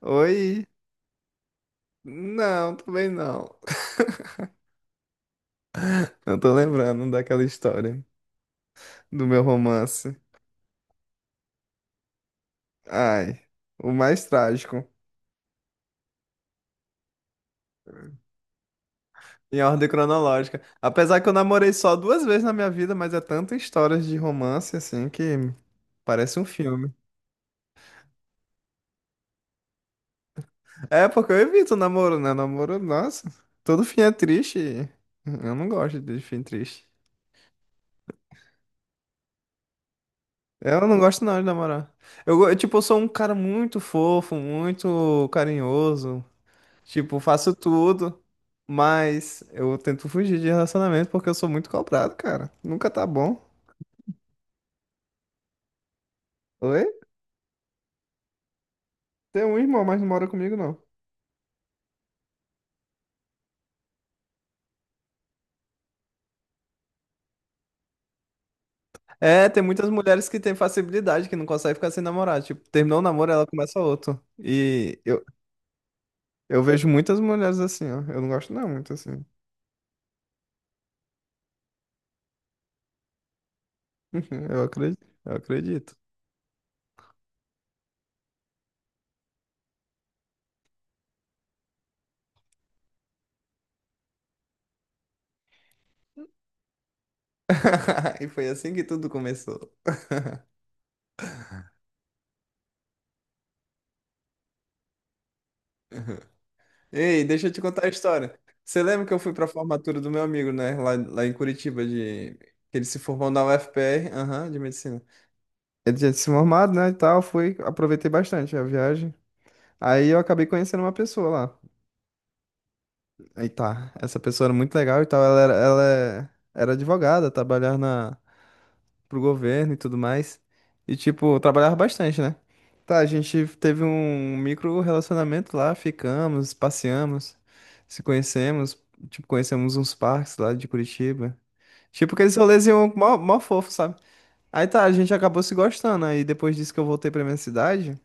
Oi? Não, também não. Eu tô lembrando daquela história do meu romance. Ai, o mais trágico, em ordem cronológica. Apesar que eu namorei só duas vezes na minha vida, mas é tanta histórias de romance assim que parece um filme. É porque eu evito namoro, né? Namoro, nossa, todo fim é triste. Eu não gosto de fim triste. Eu não gosto não de namorar. Tipo, eu sou um cara muito fofo, muito carinhoso. Tipo, faço tudo, mas eu tento fugir de relacionamento porque eu sou muito cobrado, cara. Nunca tá bom. Oi? Tem um irmão, mas não mora comigo, não. É, tem muitas mulheres que têm facilidade, que não conseguem ficar sem namorar. Tipo, terminou o namoro, ela começa outro. E eu vejo muitas mulheres assim, ó. Eu não gosto não muito assim. Eu acredito, eu acredito. E foi assim que tudo começou. Ei, deixa eu te contar a história. Você lembra que eu fui para formatura do meu amigo, né? Lá em Curitiba, que ele se formou na UFPR, aham, de medicina. Ele tinha se formado, né, e tal, fui, aproveitei bastante a viagem. Aí eu acabei conhecendo uma pessoa lá. Aí tá, essa pessoa era muito legal e tal, ela era, ela é- era advogada, trabalhava pro governo e tudo mais. E, tipo, eu trabalhava bastante, né? Tá, a gente teve um micro relacionamento lá, ficamos, passeamos, se conhecemos, tipo, conhecemos uns parques lá de Curitiba. Tipo, aqueles rolezinhos mó, mó fofo, sabe? Aí tá, a gente acabou se gostando. Aí depois disso que eu voltei pra minha cidade,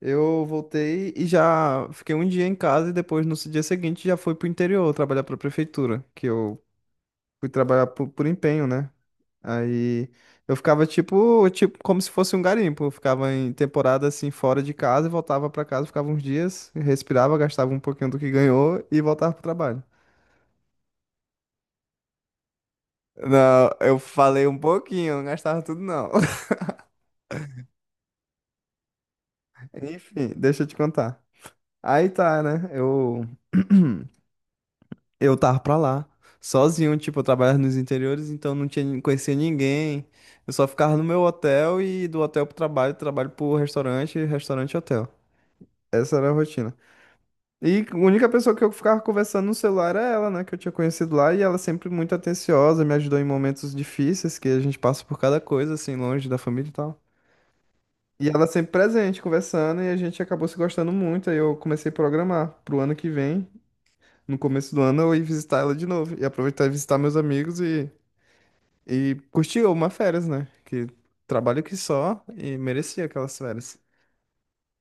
eu voltei e já fiquei um dia em casa e depois no dia seguinte já fui pro interior trabalhar pra prefeitura, que eu fui trabalhar por empenho, né? Aí eu ficava tipo, como se fosse um garimpo. Eu ficava em temporada assim fora de casa e voltava pra casa, ficava uns dias, respirava, gastava um pouquinho do que ganhou e voltava pro trabalho. Não, eu falei um pouquinho, não gastava tudo não. Enfim, deixa eu te contar. Aí tá, né? Eu eu tava pra lá, sozinho, tipo, eu trabalhava nos interiores, então não tinha, não conhecia ninguém. Eu só ficava no meu hotel e do hotel pro trabalho, trabalho pro restaurante, restaurante hotel. Essa era a rotina. E a única pessoa que eu ficava conversando no celular era ela, né, que eu tinha conhecido lá, e ela sempre muito atenciosa, me ajudou em momentos difíceis, que a gente passa por cada coisa, assim, longe da família e tal. E ela sempre presente, conversando, e a gente acabou se gostando muito, aí eu comecei a programar pro ano que vem. No começo do ano eu ia visitar ela de novo. E aproveitar e visitar meus amigos e curtir uma férias, né? Que trabalho que só e merecia aquelas férias.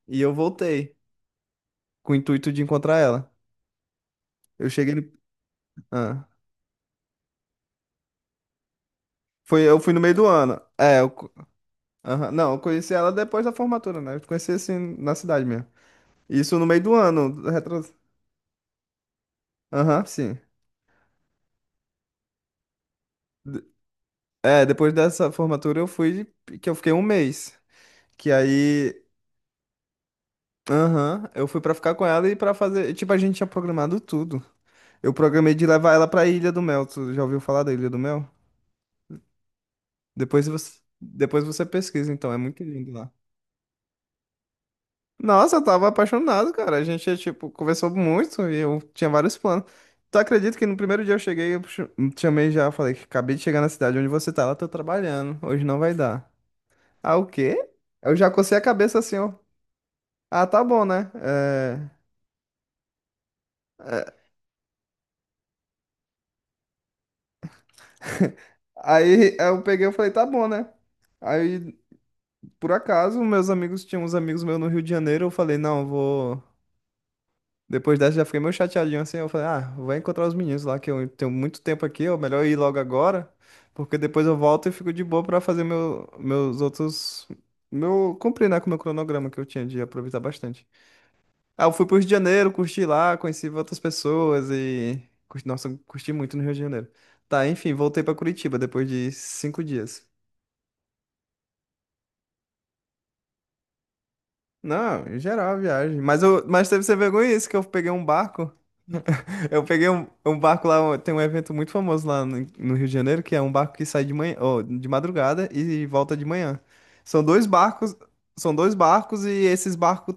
E eu voltei com o intuito de encontrar ela. Eu cheguei. Ah, foi, eu fui no meio do ano. É, aham, não, eu conheci ela depois da formatura, né? Eu conheci assim na cidade mesmo. Isso no meio do ano. Aham, sim. De- É, depois dessa formatura eu fui, que eu fiquei um mês. Que aí Aham, eu fui pra ficar com ela e pra fazer. Tipo, a gente tinha programado tudo. Eu programei de levar ela pra Ilha do Mel. Tu já ouviu falar da Ilha do Mel? Depois você pesquisa, então, é muito lindo lá. Nossa, eu tava apaixonado, cara. A gente, tipo, conversou muito e eu tinha vários planos. Tu acredita que no primeiro dia eu cheguei, chamei já, falei que acabei de chegar na cidade onde você tá, lá tô trabalhando, hoje não vai dar. Ah, o quê? Eu já cocei a cabeça assim, ó. Ah, tá bom, né? É. é, Aí eu peguei e falei, tá bom, né? Aí, por acaso, meus amigos, tinha uns amigos meus no Rio de Janeiro, eu falei, não, vou... Depois dessa já fiquei meio chateadinho assim, eu falei, ah, vou encontrar os meninos lá, que eu tenho muito tempo aqui, é melhor ir logo agora, porque depois eu volto e fico de boa pra fazer meus outros... Meu, cumprir, né, com o meu cronograma que eu tinha de aproveitar bastante. Ah, eu fui pro Rio de Janeiro, curti lá, conheci outras pessoas e... Nossa, eu curti muito no Rio de Janeiro. Tá, enfim, voltei pra Curitiba depois de 5 dias. Não, em geral a viagem. Mas teve ser vergonha isso, que eu peguei um barco. Eu peguei um barco lá, tem um evento muito famoso lá no Rio de Janeiro, que é um barco que sai de manhã, ó, de madrugada e volta de manhã. São dois barcos, são dois barcos e esses barcos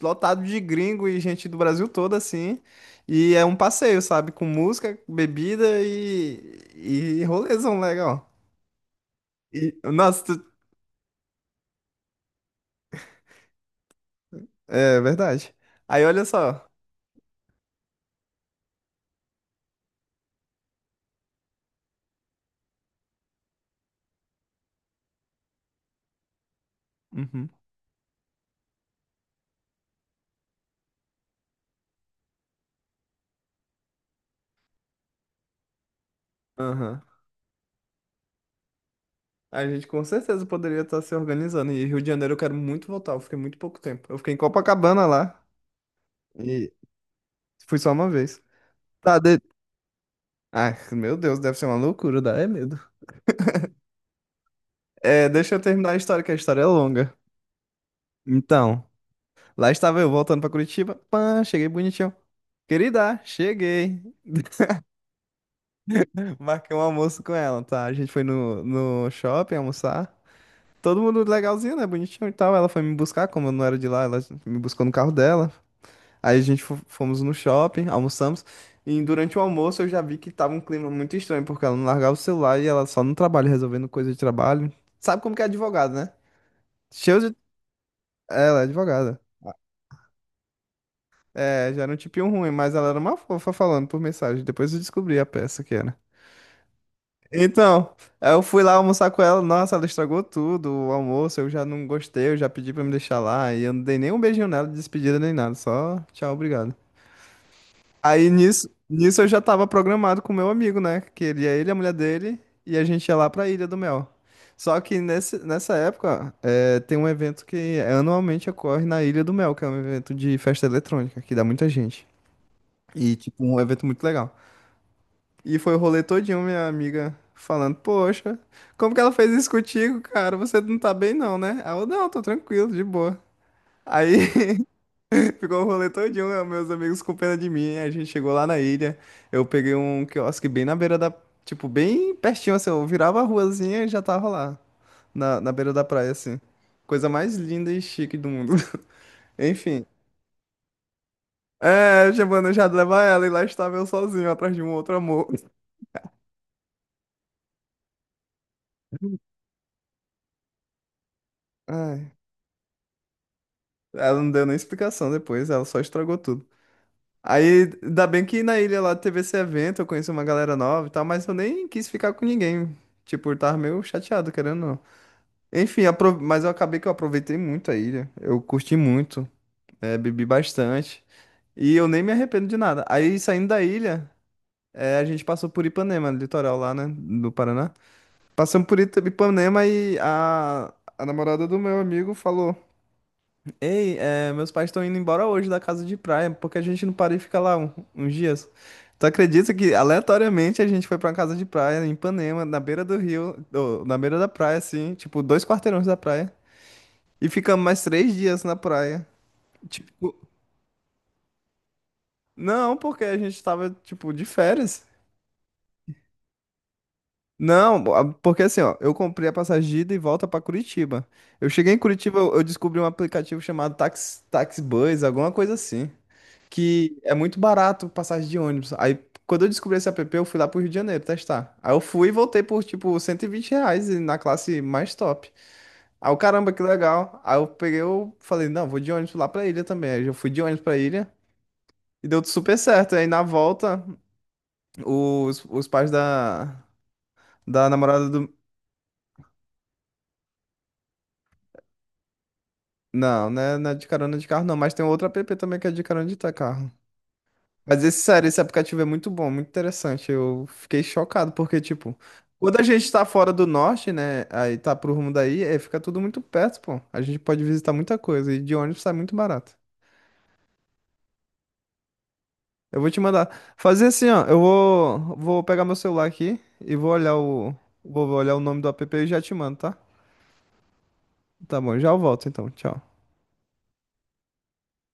lotados de gringo e gente do Brasil todo, assim. E é um passeio, sabe? Com música, bebida e rolezão legal. E, nossa, é verdade. Aí olha só. Uhum. Aham. A gente com certeza poderia estar se organizando. E Rio de Janeiro eu quero muito voltar. Eu fiquei muito pouco tempo. Eu fiquei em Copacabana lá e fui só uma vez. Tá. Ai, meu Deus, deve ser uma loucura, dá é medo. É, deixa eu terminar a história, que a história é longa. Então, lá estava eu voltando pra Curitiba. Pã, cheguei bonitinho. Querida, cheguei. Marquei um almoço com ela, tá? A gente foi no shopping almoçar. Todo mundo legalzinho, né? Bonitinho e tal. Ela foi me buscar, como eu não era de lá, ela me buscou no carro dela. Aí a gente fomos no shopping, almoçamos, e durante o almoço eu já vi que tava um clima muito estranho, porque ela não largava o celular e ela só no trabalho, resolvendo coisa de trabalho. Sabe como que é advogado, né? Cheio de... Ela é advogada. É, já era um tipinho ruim, mas ela era uma fofa falando por mensagem. Depois eu descobri a peça que era. Então, aí eu fui lá almoçar com ela. Nossa, ela estragou tudo, o almoço. Eu já não gostei, eu já pedi pra me deixar lá. E eu não dei nem um beijinho nela, de despedida nem nada. Só tchau, obrigado. Aí nisso eu já tava programado com o meu amigo, né? Que ele ia ele, a mulher dele, e a gente ia lá pra Ilha do Mel. Só que nessa época, tem um evento que anualmente ocorre na Ilha do Mel, que é um evento de festa eletrônica, que dá muita gente. E, tipo, um evento muito legal. E foi o rolê todinho, minha amiga falando, poxa, como que ela fez isso contigo, cara? Você não tá bem não, né? Aí eu, não, tô tranquilo, de boa. Aí ficou o rolê todinho, né? Meus amigos com pena de mim. A gente chegou lá na ilha. Eu peguei um quiosque bem na beira da. Tipo, bem pertinho, assim. Eu virava a ruazinha e já tava lá. Na beira da praia, assim. Coisa mais linda e chique do mundo. Enfim. É, eu tinha planejado levar ela e lá estava eu sozinho atrás de um outro amor. Ai. Ela não deu nem explicação depois, ela só estragou tudo. Aí, ainda bem que na ilha lá teve esse evento, eu conheci uma galera nova e tal, mas eu nem quis ficar com ninguém. Tipo, eu tava meio chateado, querendo ou não. Enfim, mas eu acabei que eu aproveitei muito a ilha. Eu curti muito, bebi bastante. E eu nem me arrependo de nada. Aí, saindo da ilha, a gente passou por Ipanema, no litoral lá, né, do Paraná. Passamos por Ipanema e a namorada do meu amigo falou: Ei, meus pais estão indo embora hoje da casa de praia, porque a gente não para e fica lá uns dias. Tu acredita que aleatoriamente a gente foi pra uma casa de praia em Ipanema, na beira do rio, na beira da praia, assim, tipo, 2 quarteirões da praia. E ficamos mais 3 dias na praia. Tipo, não, porque a gente tava, tipo, de férias. Não, porque assim, ó, eu comprei a passagem de ida e volta pra Curitiba. Eu cheguei em Curitiba, eu descobri um aplicativo chamado Taxi, Taxibus, alguma coisa assim, que é muito barato passagem de ônibus. Aí, quando eu descobri esse app, eu fui lá pro Rio de Janeiro testar. Aí eu fui e voltei por, tipo, 120 reais e na classe mais top. Aí eu, caramba, que legal. Aí eu peguei, eu falei, não, vou de ônibus lá pra ilha também. Aí eu fui de ônibus pra ilha. E deu super certo. Aí na volta, os pais da namorada do. Não, né? Não é de carona de carro, não. Mas tem outro app também que é de carona de carro. Mas esse, sério, esse aplicativo é muito bom, muito interessante. Eu fiquei chocado, porque, tipo, quando a gente tá fora do norte, né? Aí tá pro rumo daí, fica tudo muito perto, pô. A gente pode visitar muita coisa. E de ônibus sai muito barato. Eu vou te mandar. Fazer assim, ó. Eu vou pegar meu celular aqui e vou olhar o. Vou olhar o nome do app e já te mando, tá? Tá bom, já eu volto então. Tchau.